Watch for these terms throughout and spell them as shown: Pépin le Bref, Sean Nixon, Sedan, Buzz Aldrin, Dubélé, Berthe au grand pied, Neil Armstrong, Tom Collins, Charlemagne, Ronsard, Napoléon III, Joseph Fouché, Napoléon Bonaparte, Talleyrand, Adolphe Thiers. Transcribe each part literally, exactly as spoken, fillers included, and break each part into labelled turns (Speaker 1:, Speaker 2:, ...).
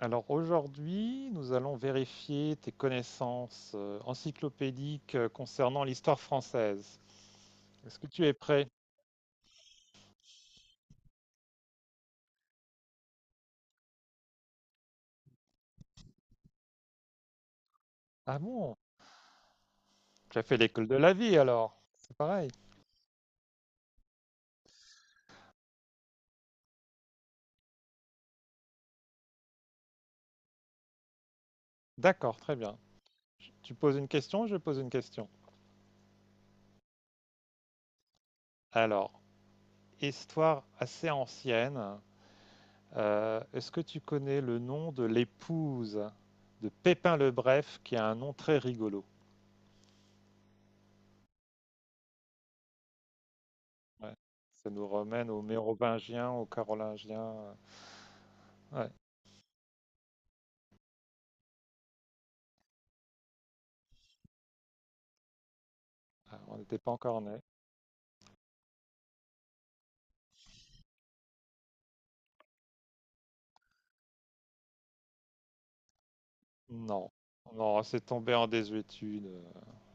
Speaker 1: Alors aujourd'hui, nous allons vérifier tes connaissances euh, encyclopédiques euh, concernant l'histoire française. Est-ce que tu es prêt? Ah bon, tu as fait l'école de la vie alors. C'est pareil. D'accord, très bien. Tu poses une question, je pose une question. Alors, histoire assez ancienne. Euh, est-ce que tu connais le nom de l'épouse de Pépin le Bref, qui a un nom très rigolo? Ouais. Ça nous ramène aux Mérovingiens, aux Carolingiens. Euh, ouais. Ah, on n'était pas encore né. Non. Non, c'est tombé en désuétude. euh,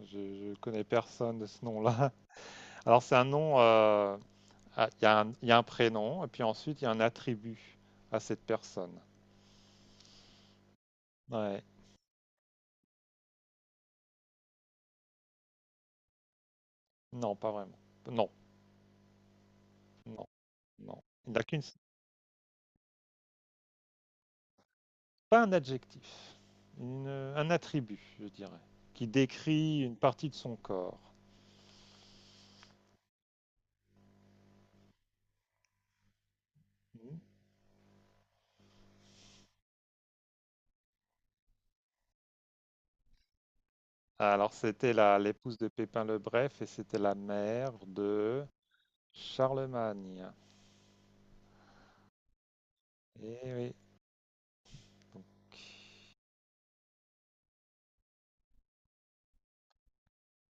Speaker 1: Je, je connais personne de ce nom-là. Alors, c'est un nom. euh, ah, Il y a un, il y a un prénom, et puis ensuite, il y a un attribut à cette personne. Ouais. Non, pas vraiment. Non, non, non. Il n'a qu'une. Pas un adjectif. Une- un attribut, je dirais, qui décrit une partie de son corps. Mhm. Alors, c'était la, l'épouse de Pépin le Bref, et c'était la mère de Charlemagne. Eh oui.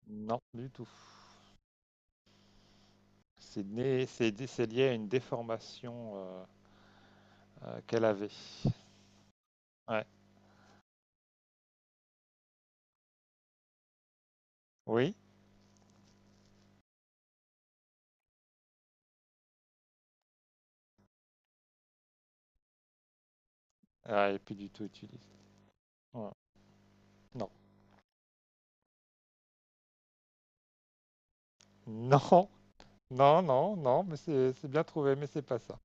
Speaker 1: Non, du tout. C'est né, c'est dé- C'est lié à une déformation euh, euh, qu'elle avait. Ouais. Oui. Ah, et puis du tout utilisé. Ouais. Non. Non. Non, non, non, mais c'est c'est bien trouvé, mais c'est pas ça.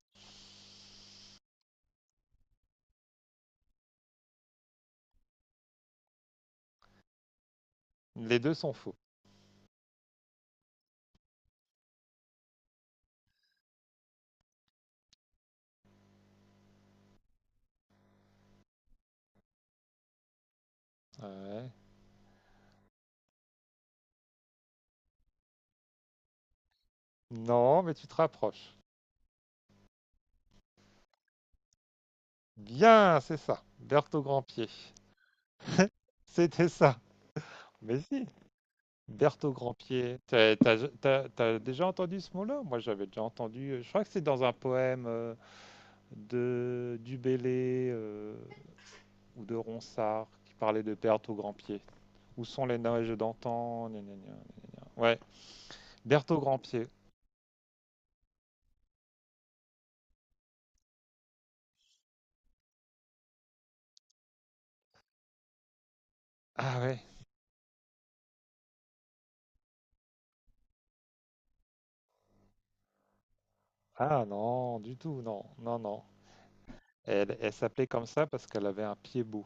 Speaker 1: Les deux sont faux. Ouais. Non, mais tu te rapproches. Bien, c'est ça. Berthe au grand pied. C'était ça. Mais si. Berthe au grand pied. T'as, t'as- t'as- t'as déjà entendu ce mot-là? Moi, j'avais déjà entendu. euh, Je crois que c'est dans un poème. Euh, de Dubélé euh, ou de Ronsard qui parlaient de Berthe au grand pied. Où sont les neiges d'antan gna, gna, gna. Ouais, Berthe au grand pied. Ah ouais. Ah non, du tout, non, non, non. Elle, elle s'appelait comme ça parce qu'elle avait un pied beau.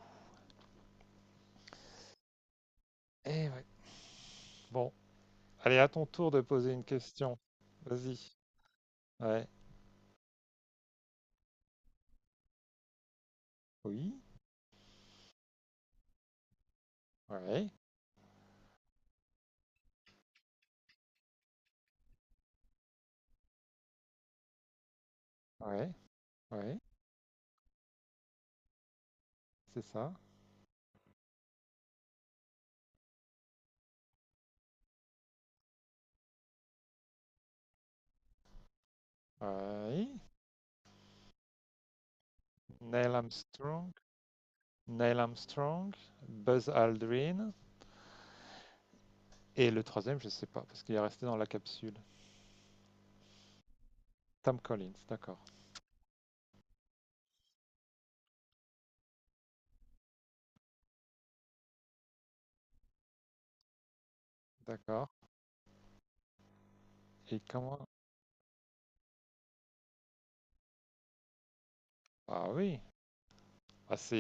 Speaker 1: Eh ouais. Bon, allez, à ton tour de poser une question. Vas-y. Ouais. Oui. Ouais. Ouais. Ouais. C'est ça. Ouais. Neil Armstrong. Neil Armstrong. Buzz Aldrin. Et le troisième, je sais pas, parce qu'il est resté dans la capsule. Tom Collins, d'accord. D'accord. Et comment... Ah oui, ah, c'est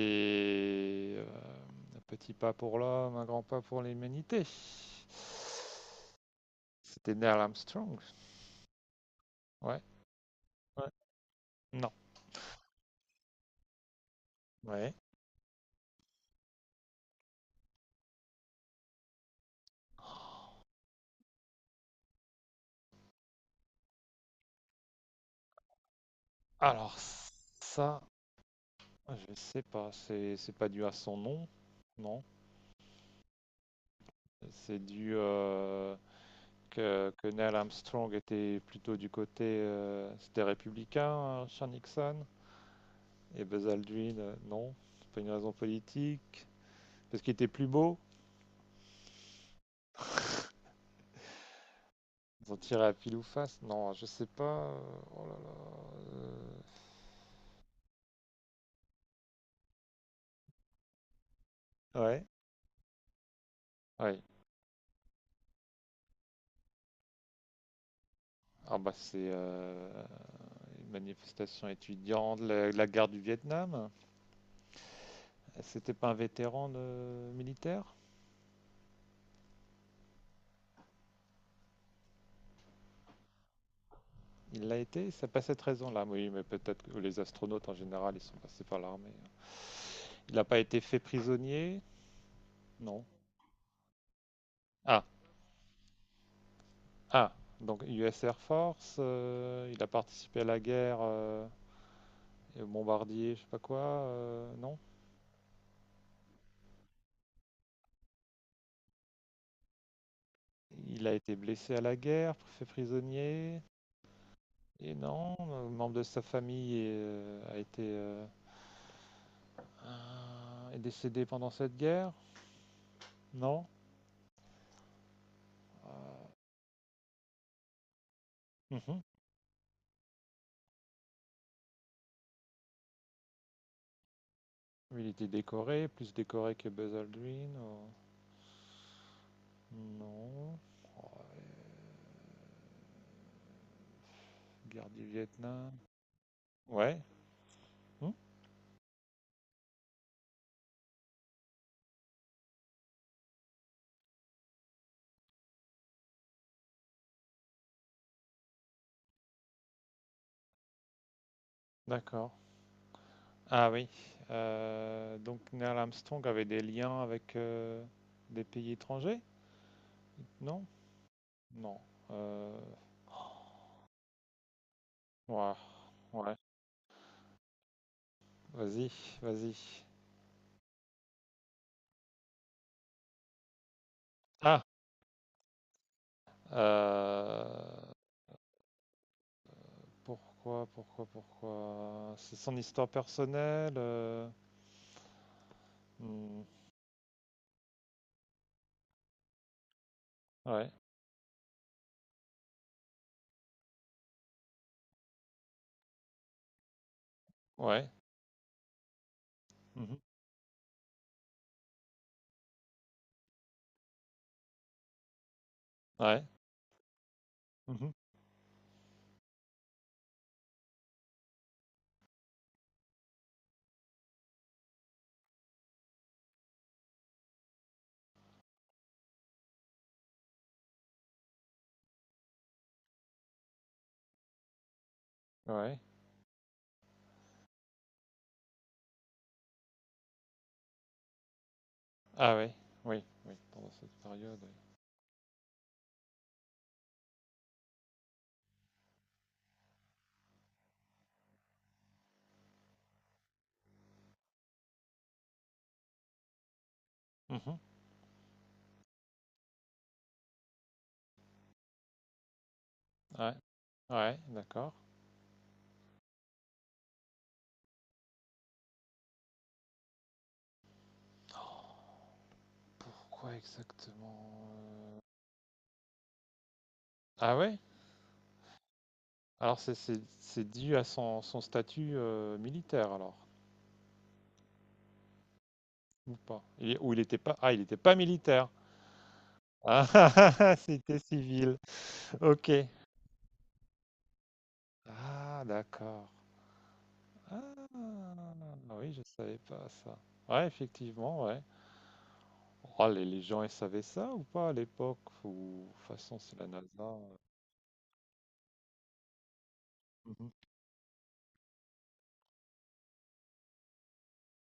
Speaker 1: euh, un petit pas pour l'homme, un grand pas pour l'humanité. C'était Neil Armstrong. Ouais. Ouais. Non. Ouais. Alors ça, je sais pas. C'est c'est pas dû à son nom, non. C'est dû euh, que que Neil Armstrong était plutôt du côté euh, c'était républicain, hein, Sean Nixon. Et Buzz Aldrin, euh, non. C'est pas une raison politique. Parce qu'il était plus beau. Ils ont tiré à pile ou face. Non, je sais pas. euh, Oh là là. euh, Ouais. Ouais. Ah bah c'est euh, Une manifestation étudiante, la, la guerre du Vietnam. C'était pas un vétéran de- militaire? Il l'a été, c'est pas cette raison-là. Oui, mais peut-être que les astronautes en général, ils sont passés par l'armée. Il n'a pas été fait prisonnier? Non. Ah, Ah, donc U S Air Force, euh, il a participé à la guerre euh, et au bombardier, je sais pas quoi, euh, non? Il a été blessé à la guerre, fait prisonnier, et non, un membre de sa famille est, euh, a été euh, euh, est décédé pendant cette guerre, non? Euh, mhm. Il était décoré, plus décoré que Buzz Aldrin, ou- non? Guerre du Vietnam, ouais, hmm, d'accord. Ah oui, euh, donc Neil Armstrong avait des liens avec euh, des pays étrangers? Non? Non. Euh, ouais, ouais. Vas-y, vas-y. Ah, euh, pourquoi, pourquoi, pourquoi? C'est son histoire personnelle. euh, hmm, ouais, ouais, mhm, ouais, mhm, ouais. Ah oui, oui, oui, pendant cette période. Oui. Mhm, ouais, ouais, d'accord. Oh, pourquoi exactement? euh, Ah ouais? Alors c'est c'est- c'est dû à son, son statut euh, militaire alors, ou pas? Il est- ou il n'était pas... Ah, il n'était pas militaire. Ah, ah, ah, c'était civil. Ok. Ah, d'accord. Ah, oui, je savais pas ça. Ouais, effectivement, ouais. Oh, les, les gens, ils savaient ça ou pas à l'époque? Ou, de toute façon, c'est la NASA. euh.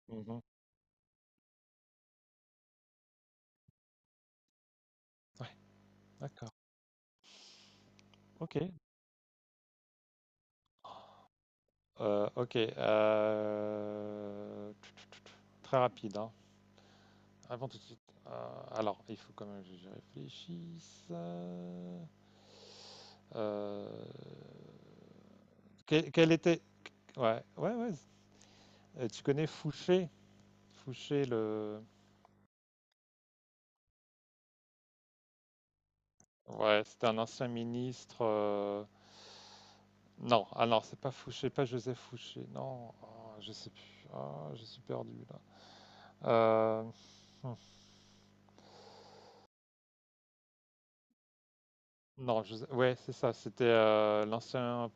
Speaker 1: Mhm, mhm. Ouais, d'accord. Ok. Euh, ok. euh, Très rapide, hein. Avant tout de suite. Euh, alors, il faut quand même que j'y réfléchisse. Euh, euh, quel, quel était. Ouais, ouais, ouais. Euh, tu connais Fouché? Fouché, le. Ouais, c'était un ancien ministre. euh, Non, ah non, c'est pas Fouché, pas Joseph Fouché. Non, ah, je sais plus. Ah, je suis perdu là. Euh, hum, Non, Joseph- ouais, c'est ça. C'était euh, L'ancien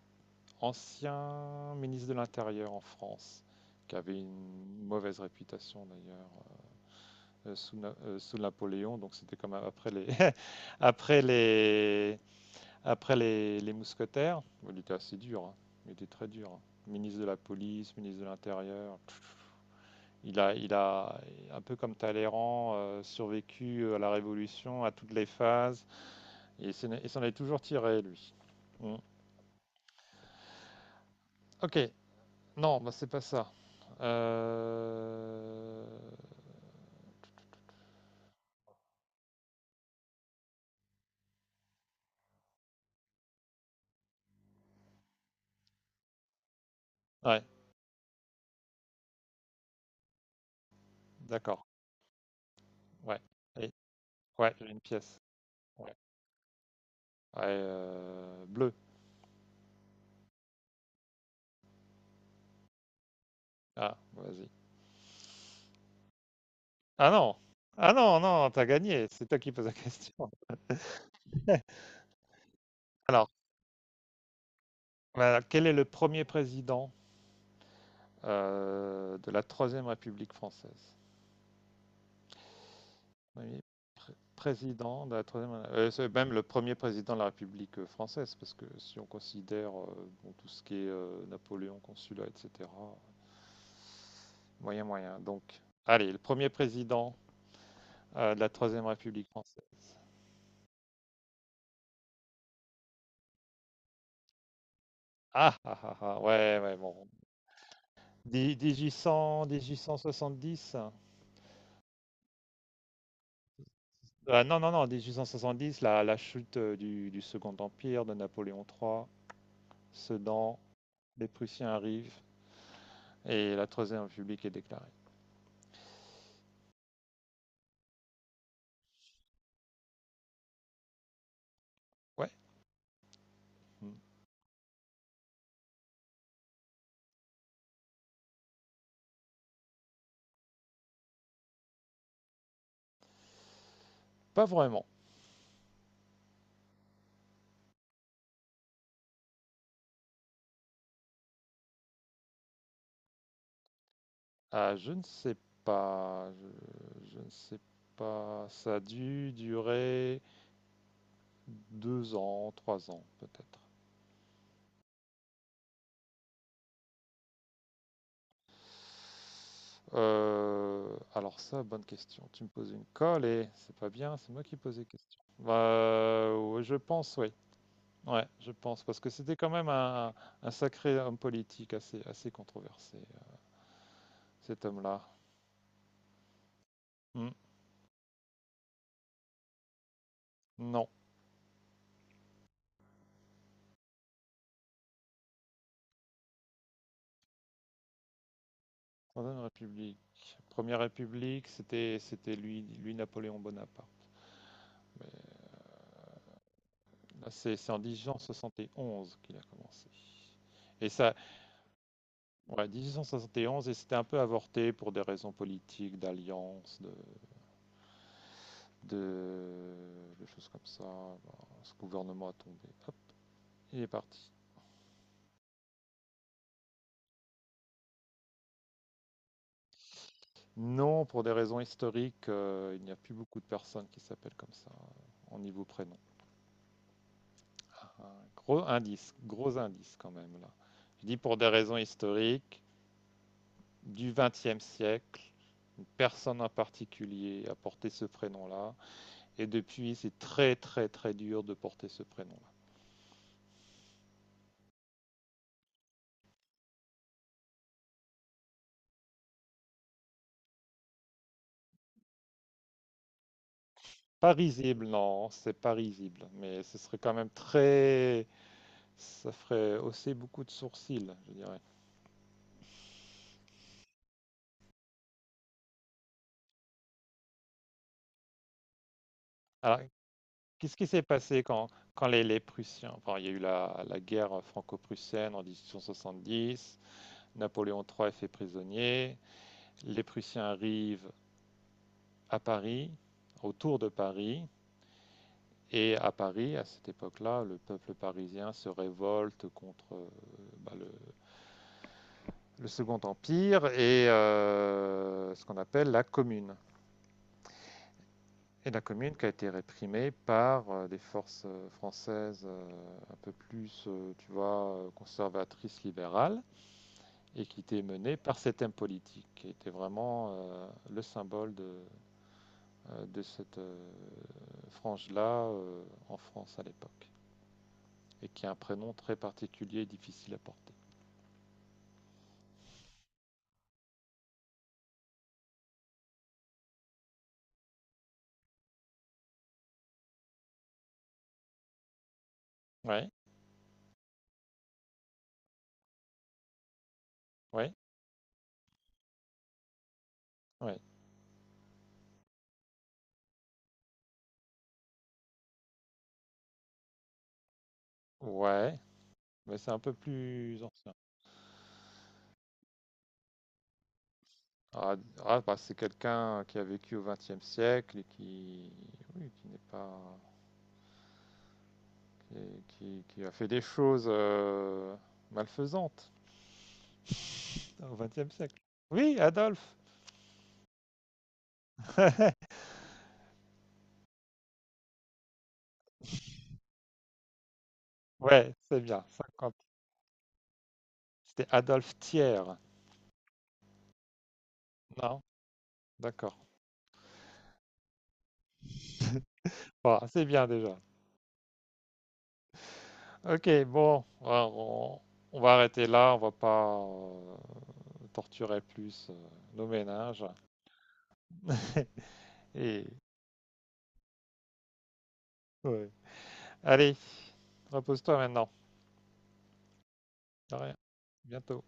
Speaker 1: ancien ministre de l'Intérieur en France, qui avait une mauvaise réputation d'ailleurs euh, sous, euh, sous Napoléon. Donc c'était comme après les, après les, après les, les mousquetaires. Bon, il était assez dur, hein. Il était très dur, hein. Ministre de la police, ministre de l'Intérieur. Il a, il a, un peu comme Talleyrand, euh, survécu euh, à la Révolution, à toutes les phases, et s'en est, et s'en est toujours tiré, lui. Mm. Ok. Non, bah, c'est pas ça. Euh, Ouais, d'accord. Ouais. Et- ouais, j'ai une pièce. Ouais. Ouais, euh, bleu. Ah, vas-y. Ah non! Ah non, non, t'as gagné. C'est toi qui poses la question. Alors, voilà, quel est le premier président euh, de la Troisième République française? Premier pré- Président de la Troisième... euh, C'est même le premier président de la République euh, française, parce que si on considère euh, bon, tout ce qui est euh, Napoléon, consulat, et cætera. Moyen, moyen. Donc, allez, le premier président euh, de la Troisième République française. Ah, ah, ah, ah, ouais, ouais, bon. dix-huit cents, dix-huit cent soixante-dix. Ah, non, non, non, dix-huit cent soixante-dix, la, la chute euh, du, du Second Empire de Napoléon trois, Sedan, les Prussiens arrivent et la Troisième République est déclarée. Ouais, hmm. Pas vraiment. Ah, je ne sais pas, je, je ne sais pas. Ça a dû durer deux ans, trois ans peut-être. Euh, alors ça, bonne question. Tu me poses une colle et c'est pas bien, c'est moi qui pose les questions. Bah, ouais, je pense, oui. Ouais, je pense, parce que c'était quand même un, un sacré homme politique assez, assez controversé, euh, cet homme-là. Hmm. Non, Troisième République. Première République, c'était, c'était lui, lui Napoléon Bonaparte. Mais là, c'est, c'est en dix-huit cent soixante et onze qu'il a commencé. Et ça, ouais, mille huit cent soixante et onze, et onze, et c'était un peu avorté pour des raisons politiques, d'alliance, de de, de choses comme ça. Bon, ce gouvernement a tombé. Hop, il est parti. Non, pour des raisons historiques, euh, il n'y a plus beaucoup de personnes qui s'appellent comme ça euh, en niveau prénom. Gros indice, gros indice quand même là. Je dis pour des raisons historiques du XXe siècle. Une personne en particulier a porté ce prénom-là, et depuis, c'est très très très dur de porter ce prénom-là. Pas risible, non, c'est pas risible, mais ce serait quand même très. Ça ferait hausser beaucoup de sourcils, je dirais. Alors, qu'est-ce qui s'est passé quand, quand les, les Prussiens, enfin, il y a eu la, la guerre franco-prussienne en mille huit cent soixante-dix, Napoléon trois est fait prisonnier, les Prussiens arrivent à Paris, autour de Paris, et à Paris, à cette époque-là, le peuple parisien se révolte contre euh, bah, le, le Second Empire et euh, ce qu'on appelle la Commune. Et la commune qui a été réprimée par euh, des forces euh, françaises euh, un peu plus, euh, tu vois, euh, conservatrices libérales, et qui était menée par cet homme politique, qui était vraiment euh, le symbole de, euh, de cette euh, frange-là euh, en France à l'époque, et qui a un prénom très particulier et difficile à porter. Ouais, ouais, ouais, ouais, mais c'est un peu plus ancien. Ah, ah, bah, c'est quelqu'un qui a vécu au XXe siècle et qui, oui, qui n'est pas et qui, qui a fait des choses euh, malfaisantes au XXe siècle. Oui, Adolphe. Ouais, c'est bien. cinquante. C'était Adolphe Thiers. Non, d'accord. Bon, c'est bien déjà. Ok, bon, alors, on, on va arrêter là. On va pas euh, torturer plus euh, nos méninges. Et ouais. Allez, repose-toi maintenant. De rien. Bientôt.